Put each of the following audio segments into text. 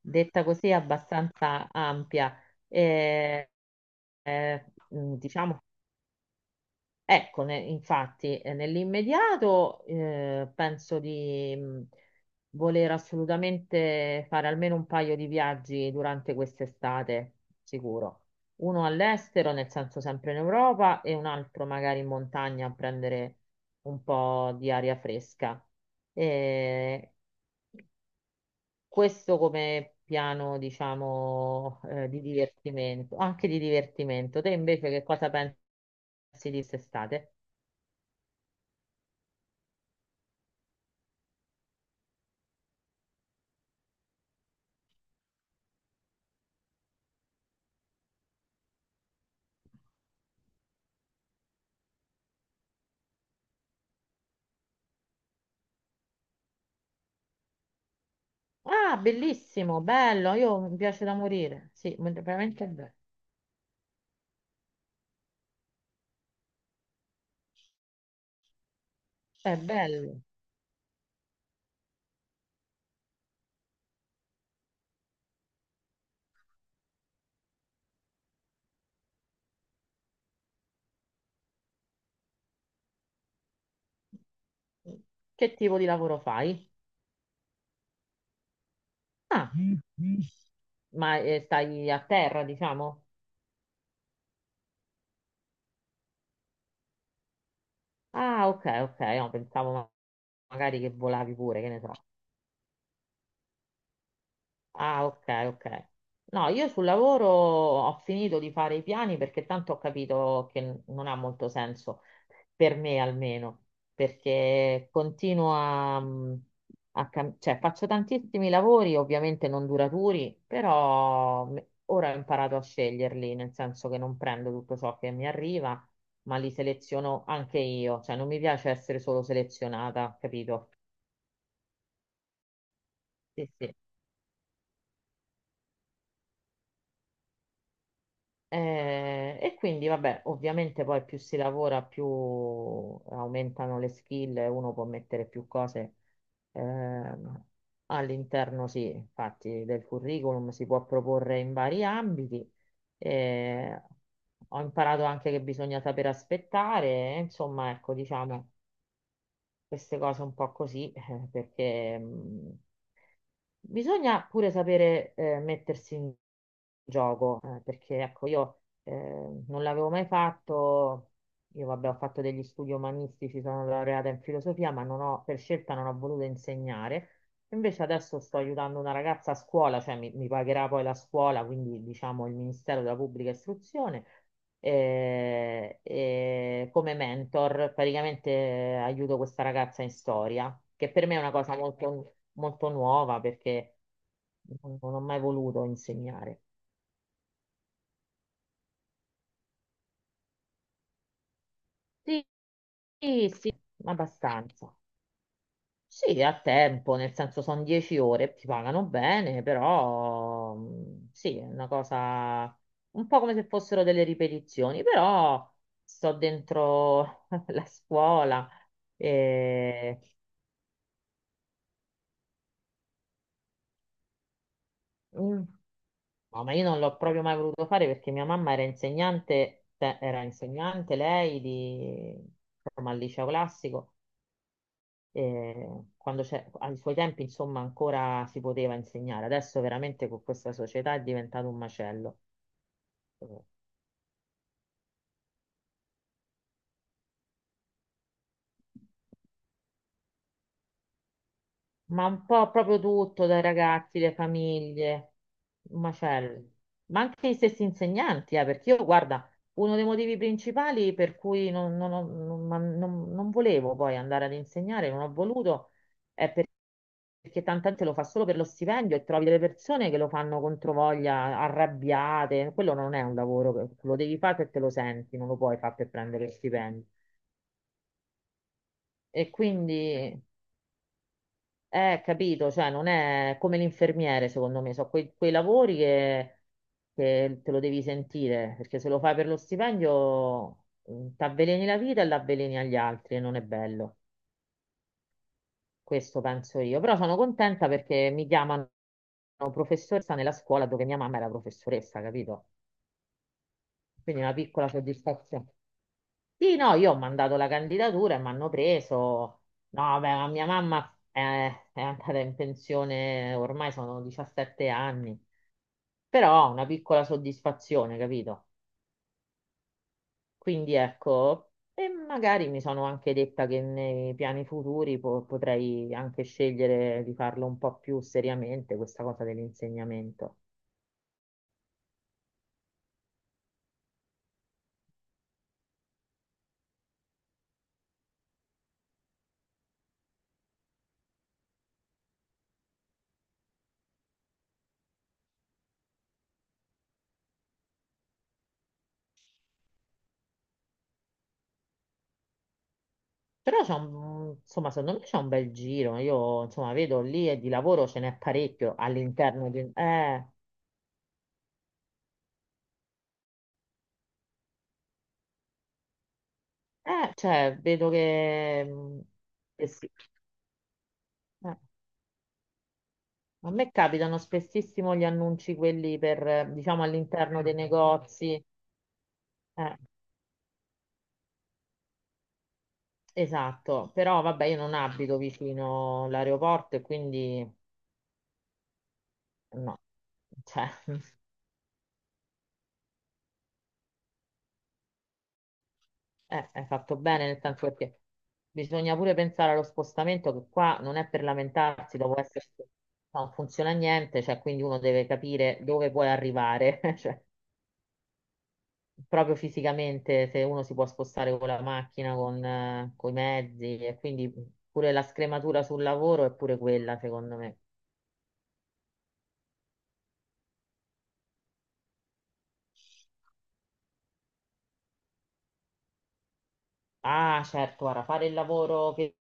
Detta così è abbastanza ampia. Eh, eh, diciamo, ecco, infatti, nell'immediato penso di voler assolutamente fare almeno un paio di viaggi durante quest'estate, sicuro. Uno all'estero, nel senso sempre in Europa, e un altro magari in montagna a prendere un po' di aria fresca. Eh, questo come piano, diciamo, di divertimento, anche di divertimento. Te invece che cosa pensi di quest'estate? Ah, bellissimo, bello, io mi piace da morire. Sì, veramente è bello. È bello. Che tipo di lavoro fai? Ah, ma stai a terra, diciamo? Ah, ok, ok, no, pensavo magari che volavi pure, che ne so. Ah, ok, ok. No, io sul lavoro ho finito di fare i piani perché tanto ho capito che non ha molto senso, per me almeno, perché continuo a, a cioè faccio tantissimi lavori, ovviamente non duraturi, però ora ho imparato a sceglierli, nel senso che non prendo tutto ciò che mi arriva, ma li seleziono anche io, cioè non mi piace essere solo selezionata, capito? Sì, sì. E quindi, vabbè, ovviamente poi più si lavora, più aumentano le skill, e uno può mettere più cose ehm, all'interno, sì, infatti, del curriculum, si può proporre in vari ambiti. Eh, ho imparato anche che bisogna saper aspettare, insomma, ecco, diciamo queste cose un po' così, perché bisogna pure sapere mettersi in gioco, perché ecco, io non l'avevo mai fatto, io vabbè ho fatto degli studi umanistici, sono laureata in filosofia, ma non ho, per scelta non ho voluto insegnare. Invece adesso sto aiutando una ragazza a scuola, mi pagherà poi la scuola, quindi diciamo il Ministero della Pubblica Istruzione, e come mentor praticamente aiuto questa ragazza in storia, che per me è una cosa molto molto nuova perché non ho mai voluto insegnare. Sì, sì, abbastanza. Sì, a tempo, nel senso sono 10 ore, ti pagano bene, però sì, è una cosa un po' come se fossero delle ripetizioni, però sto dentro la scuola e... Mm. No, ma io non l'ho proprio mai voluto fare perché mia mamma era insegnante, era insegnante lei di, insomma, al liceo classico quando c'è, ai suoi tempi, insomma, ancora si poteva insegnare. Adesso veramente con questa società è diventato un macello. Eh, Ma un po' proprio tutto, dai ragazzi, le famiglie, un macello. Ma anche gli stessi insegnanti, perché io, guarda, uno dei motivi principali per cui non, non ho- non- ma non- non volevo poi andare ad insegnare, non ho voluto, è perché tanta gente lo fa solo per lo stipendio e trovi delle persone che lo fanno controvoglia, arrabbiate. Quello non è un lavoro, lo devi fare perché lo senti, non lo puoi fare per prendere lo stipendio. E quindi, capito, cioè non è come l'infermiere, secondo me, sono quei lavori che te lo devi sentire, perché se lo fai per lo stipendio ti avveleni la vita e l'avveleni agli altri e non è bello. Questo penso io, però sono contenta perché mi chiamano professoressa nella scuola dove mia mamma era professoressa, capito? Quindi una piccola soddisfazione. Sì, no, io ho mandato la candidatura e mi hanno preso. No, vabbè, ma mia mamma è andata in pensione ormai sono 17 anni, però una piccola soddisfazione, capito? Quindi ecco, e magari mi sono anche detta che nei piani futuri potrei anche scegliere di farlo un po' più seriamente, questa cosa dell'insegnamento. Però c'è un, insomma, secondo me c'è un bel giro. Io, insomma, vedo lì e di lavoro ce n'è parecchio all'interno di... cioè, vedo che sì. Eh, a me capitano spessissimo gli annunci quelli per, diciamo, all'interno dei negozi. Eh, Esatto, però vabbè, io non abito vicino l'aeroporto e quindi no, cioè, hai fatto bene nel senso perché bisogna pure pensare allo spostamento che qua non è per lamentarsi, dopo essere non funziona niente, cioè quindi uno deve capire dove puoi arrivare, cioè proprio fisicamente se uno si può spostare con la macchina, con, i mezzi e quindi pure la scrematura sul lavoro è pure quella, secondo me. Ah, certo, guarda, fare il lavoro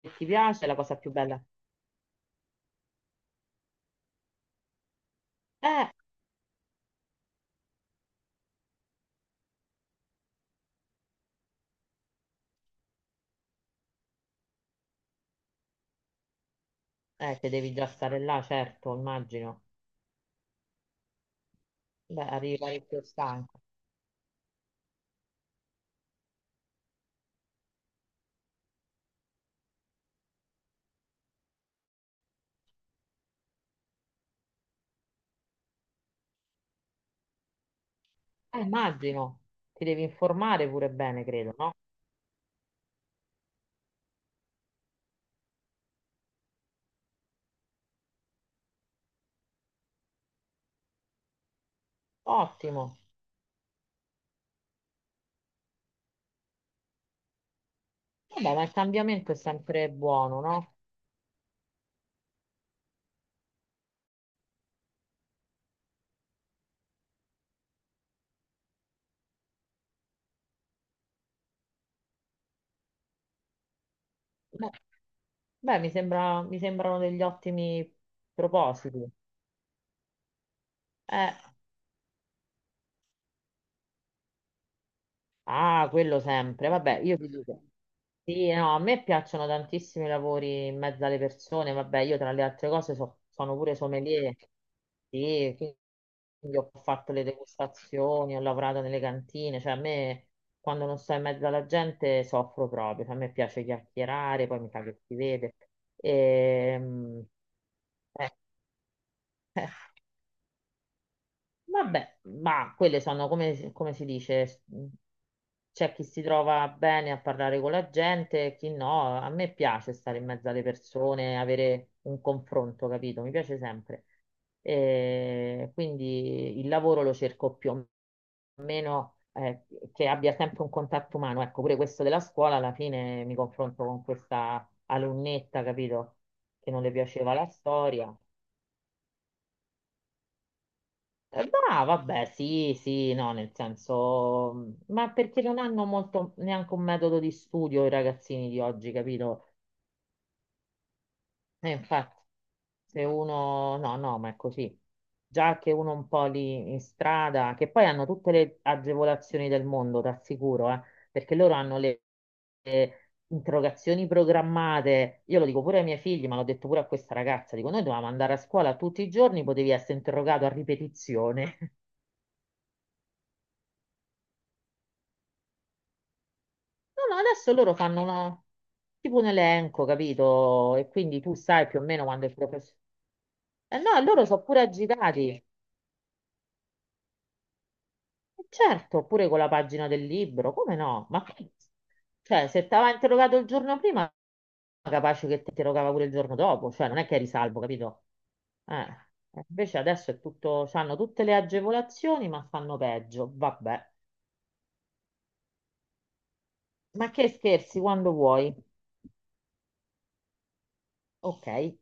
che ti piace è la cosa più bella. Eh, che devi già stare là, certo, immagino. Beh, arrivi parecchio stanco. Immagino. Ti devi informare pure bene, credo, no? Ottimo. Vabbè, ma il cambiamento è sempre buono, no? Beh, beh, mi sembrano degli ottimi propositi. Eh, ah, quello sempre. Vabbè, io ti dico. Sì, no, a me piacciono tantissimo i lavori in mezzo alle persone, vabbè, io tra le altre cose sono pure sommelier, sì, quindi ho fatto le degustazioni, ho lavorato nelle cantine, cioè a me quando non sto in mezzo alla gente soffro proprio, cioè, a me piace chiacchierare, poi mi fa che si vede. Ehm, vabbè, ma quelle sono come, c'è chi si trova bene a parlare con la gente, e chi no. A me piace stare in mezzo alle persone, avere un confronto, capito? Mi piace sempre. E quindi il lavoro lo cerco più o meno che abbia sempre un contatto umano. Ecco, pure questo della scuola, alla fine mi confronto con questa alunnetta, capito? Che non le piaceva la storia. No, vabbè, sì, sì, no, nel senso, ma perché non hanno molto neanche un metodo di studio i ragazzini di oggi, capito? E infatti, se uno, no, no, ma è così. Già che uno un po' lì in strada, che poi hanno tutte le agevolazioni del mondo, t'assicuro, perché loro hanno le interrogazioni programmate. Io lo dico pure ai miei figli, ma l'ho detto pure a questa ragazza, dico, noi dovevamo andare a scuola tutti i giorni, potevi essere interrogato a ripetizione. No, no, adesso loro fanno tipo un elenco, capito? E quindi tu sai più o meno quando il professore... Eh no, loro sono pure agitati. E certo, pure con la pagina del libro, come no? Cioè, se ti aveva interrogato il giorno prima, capace che ti interrogava pure il giorno dopo, cioè non è che eri salvo, capito? Eh, invece adesso è tutto, hanno tutte le agevolazioni, ma fanno peggio. Vabbè, ma che scherzi quando vuoi. Ok.